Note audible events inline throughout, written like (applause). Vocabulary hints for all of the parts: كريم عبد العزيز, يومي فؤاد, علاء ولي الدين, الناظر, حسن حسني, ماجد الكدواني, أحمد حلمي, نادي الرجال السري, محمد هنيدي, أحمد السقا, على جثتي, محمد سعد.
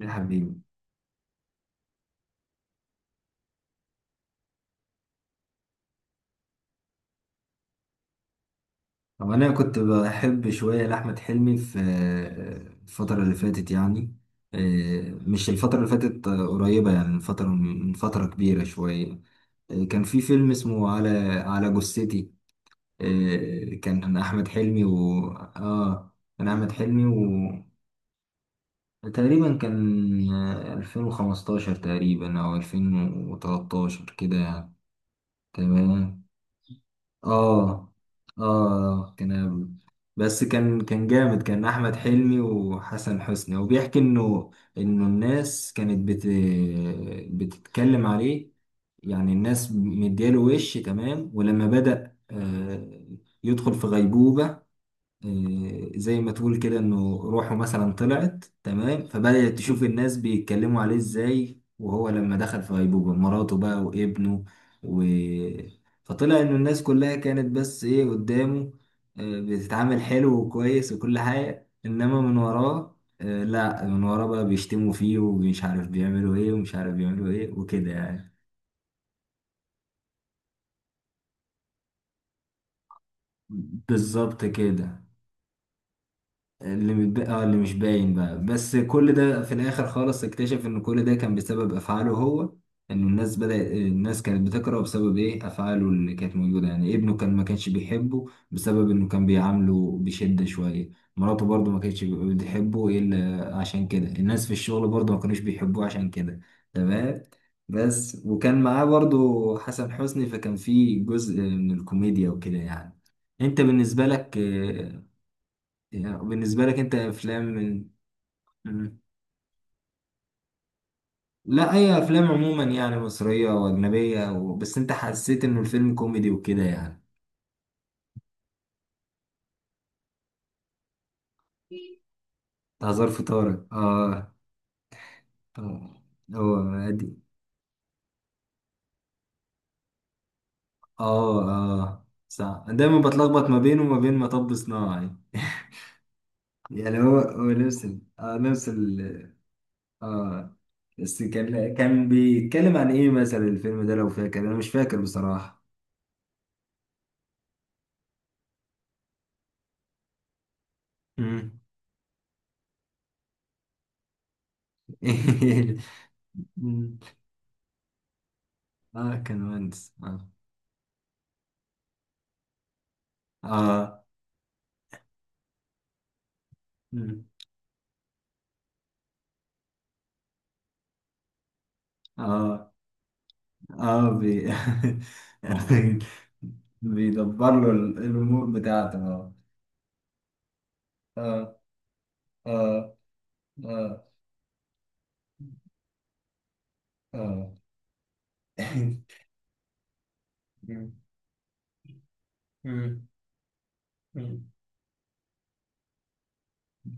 يا حبيبي. هو انا كنت بحب شويه لاحمد حلمي في الفتره اللي فاتت يعني. مش الفتره اللي فاتت، قريبه يعني من فتره كبيره شويه. كان في فيلم اسمه على جثتي. كان احمد حلمي و تقريبا كان 2015 تقريبا او 2013 كده يعني. تمام. اه اه كان، بس كان جامد، كان احمد حلمي وحسن حسني وبيحكي انه انه الناس كانت بتتكلم عليه. يعني الناس مدياله وش. تمام. ولما بدأ يدخل في غيبوبة، زي ما تقول كده انه روحه مثلا طلعت. تمام. فبدأت تشوف الناس بيتكلموا عليه ازاي، وهو لما دخل في غيبوبة مراته بقى وابنه و... فطلع انه الناس كلها كانت بس ايه قدامه بتتعامل حلو وكويس وكل حاجة، انما من وراه لا، من وراه بقى بيشتموا فيه ومش عارف بيعملوا ايه ومش عارف بيعملوا ايه وكده يعني. بالظبط كده. اللي متب... اه اللي مش باين بقى. بس كل ده في الاخر خالص اكتشف ان كل ده كان بسبب افعاله هو، ان الناس كانت بتكرهه بسبب ايه افعاله اللي كانت موجوده، يعني ابنه كان ما كانش بيحبه بسبب انه كان بيعامله بشده شويه، مراته برضه ما كانتش بتحبه الا عشان كده، الناس في الشغل برضه ما كانوش بيحبوه عشان كده. تمام. بس وكان معاه برضه حسن حسني، فكان في جزء من الكوميديا وكده يعني. انت بالنسبه لك، يعني بالنسبة لك أنت أفلام من. مم. لا، أي أفلام عموما، يعني مصرية أو أجنبية بس أنت حسيت إنه الفيلم كوميدي وكده يعني. هزار فطارك، آه. آه. هو عادي. آه آه، صح، دايما بتلخبط ما بينه وما بين مطب صناعي. (laughs) يعني هو نفس ال... آه نفس ال... آه بس كان بيتكلم عن إيه مثلا الفيلم ده لو فاكر؟ أنا مش فاكر بصراحة. مم. (laughs) مم. آه، كان مهندس، آه. اه اه اه بي (laughs) يعني بيدبر له الامور بتاعته. اه اه اه اه اه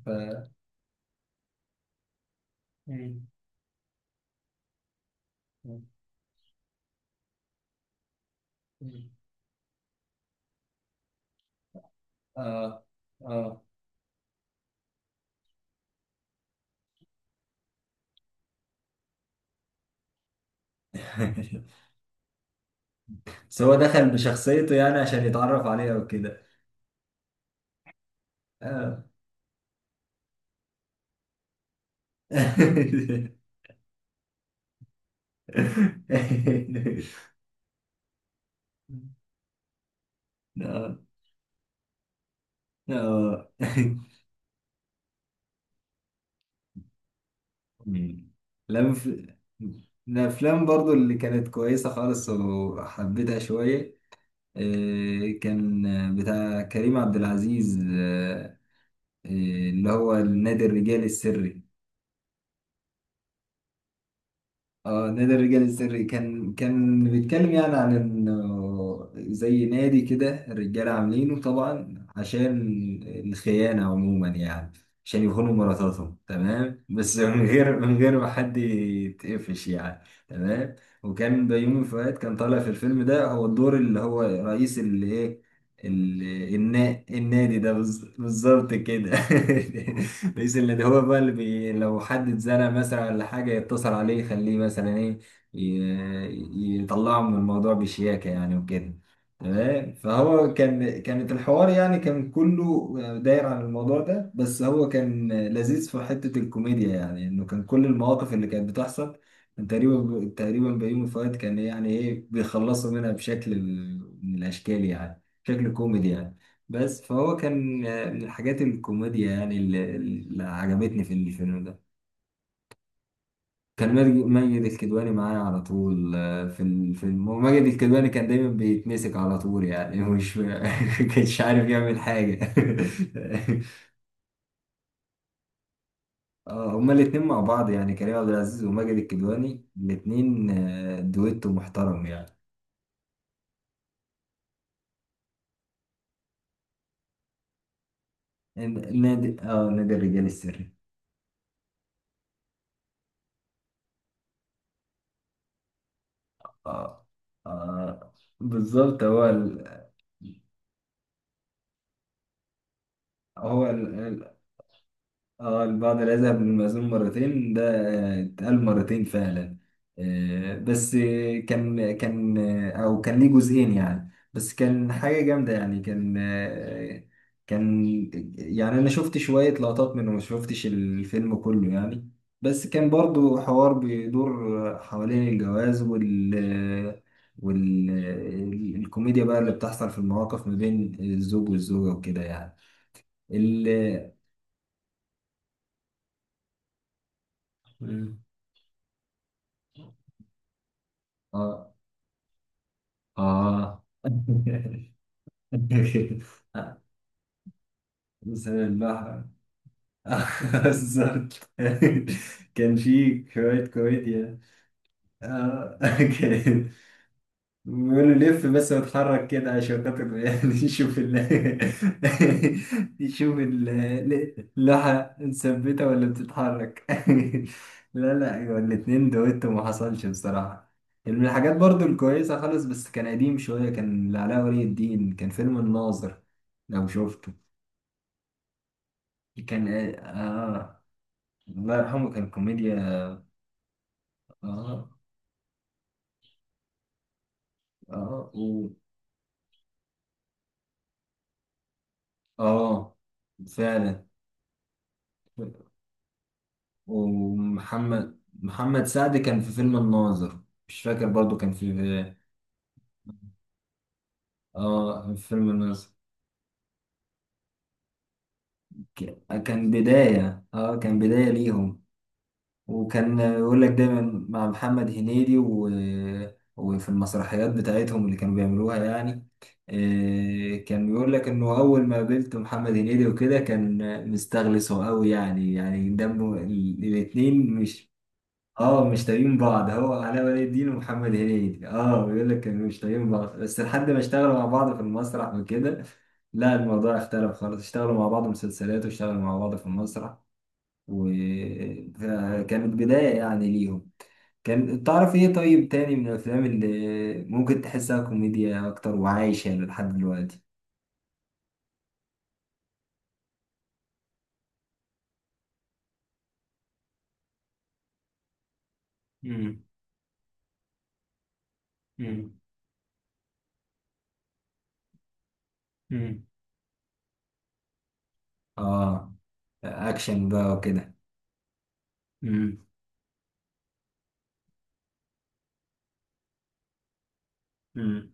ف اه اه (laughs) بس هو دخل بشخصيته يعني عشان يتعرف عليها وكده. اه. (laughs) اه اه مم. لا ف... الأفلام برضو اللي كانت كويسة خالص وحبيتها شوية، كان بتاع كريم عبد العزيز، آه، اللي هو النادي الرجالي السري. اه نادي الرجال السري، كان بيتكلم يعني عن انه زي نادي كده الرجاله عاملينه، طبعا عشان الخيانه عموما يعني، عشان يخونوا مراتاتهم. تمام. بس من غير ما حد يتقفش يعني. تمام. وكان بيومي فؤاد كان طالع في الفيلم ده، هو الدور اللي هو رئيس الايه، ال... النادي ده، بالظبط كده. (laughs) رئيس النادي هو بقى اللي لو حد اتزنق مثلا ولا حاجة يتصل عليه يخليه مثلا ايه، يطلعه من الموضوع بشياكة يعني وكده. تمام. فهو كان، كانت الحوار يعني كان كله داير عن الموضوع ده، بس هو كان لذيذ في حتة الكوميديا، يعني انه كان كل المواقف اللي كانت بتحصل تقريبا بيومي فؤاد كان يعني ايه بيخلصوا منها بشكل من الاشكال يعني، شكل كوميدي يعني. بس فهو كان، من الحاجات الكوميديا يعني، اللي عجبتني في الفيلم ده. كان ماجد الكدواني معايا على طول، في الفيلم، وماجد الكدواني كان دايما بيتمسك على طول، يعني مش (laughs) كانش عارف يعمل حاجة. (laughs) هما الاتنين مع بعض، يعني كريم عبد العزيز وماجد الكدواني الاتنين دويتو محترم يعني. نادي، نادي الرجال السري. اه اه بالظبط. هو ال... اه البعض لا يذهب للمأذون مرتين ده، اتقال مرتين فعلا، بس، آه، كان كان آه، او كان ليه جزئين يعني، بس كان حاجة جامدة يعني، كان، يعني انا شفت شوية لقطات منه، ما شفتش الفيلم كله يعني. بس كان برضو حوار بيدور حوالين الجواز والكوميديا بقى اللي بتحصل في المواقف ما بين الزوج والزوجة وكده يعني. ال مم. آه. (laughs) مثلا البحر. (laughs) بالظبط. كان في شوية كوميديا. آه. (laughs) أوكي. بيقول له لف بس واتحرك كده عشان خاطر يعني (laughs) يشوف ال. (laughs) يشوف اللوحة مثبتة ولا بتتحرك؟ (laughs) لا لا، أيوة الاتنين دويتو ما حصلش بصراحة. من الحاجات برضو الكويسة خالص، بس كان قديم شوية، كان لعلاء ولي الدين، كان فيلم الناظر لو شفته. كان الله يرحمه، كان كوميديا. آه آه، آه فعلا. ومحمد سعد كان في فيلم الناظر. مش فاكر، برضو كان في اه في فيلم الناظر. كان بداية، كان بداية ليهم. وكان يقول لك دايما، مع محمد هنيدي وفي المسرحيات بتاعتهم اللي كانوا بيعملوها يعني. كان بيقول لك انه اول ما قابلت محمد هنيدي وكده كان مستغلسه قوي يعني، دمه الاتنين مش، اه مش طايقين بعض، هو علاء ولي الدين ومحمد هنيدي، بيقول لك كانوا مش طايقين بعض، بس لحد ما اشتغلوا مع بعض في المسرح وكده لا الموضوع اختلف خالص، اشتغلوا مع بعض مسلسلات، واشتغلوا مع بعض في المسرح، وكانت بداية يعني ليهم. كان، تعرف ايه طيب تاني من الافلام اللي ممكن تحسها كوميديا اكتر وعايشة لحد دلوقتي؟ مم. مم. مم. اه اكشن بقى وكده. مم. مم.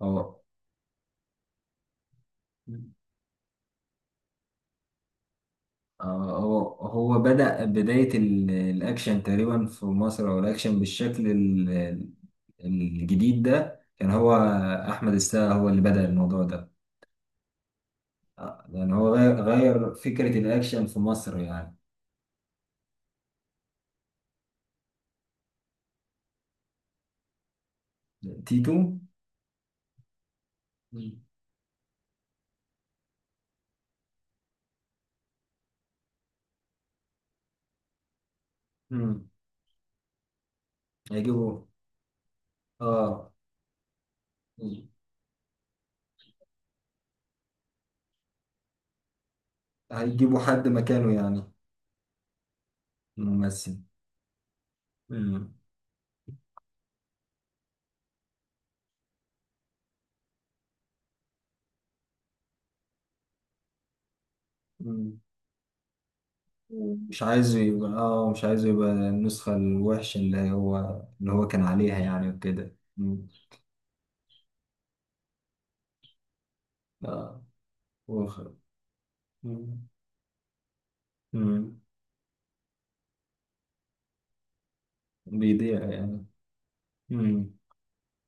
اه. هو بدأ بداية الأكشن تقريبا في مصر، أو الأكشن بالشكل الجديد ده كان هو، أحمد السقا هو اللي بدأ الموضوع ده. يعني هو غير فكرة الأكشن في مصر يعني. تيتو. مم. مم. هيجيبوا، آه. مم. هيجيبوا حد مكانه يعني ممثل. مم. مم. مم. مش عايزه يبقى، النسخة الوحشة اللي هو كان عليها يعني وكده. مم. وخ... مم. مم. بيضيع يعني. مم.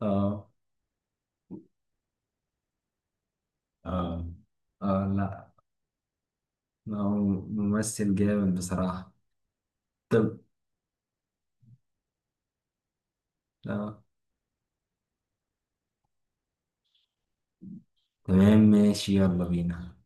اه اه اه، لا، هو ممثل جامد بصراحة. طب. اه. تمام ماشي، يلا بينا.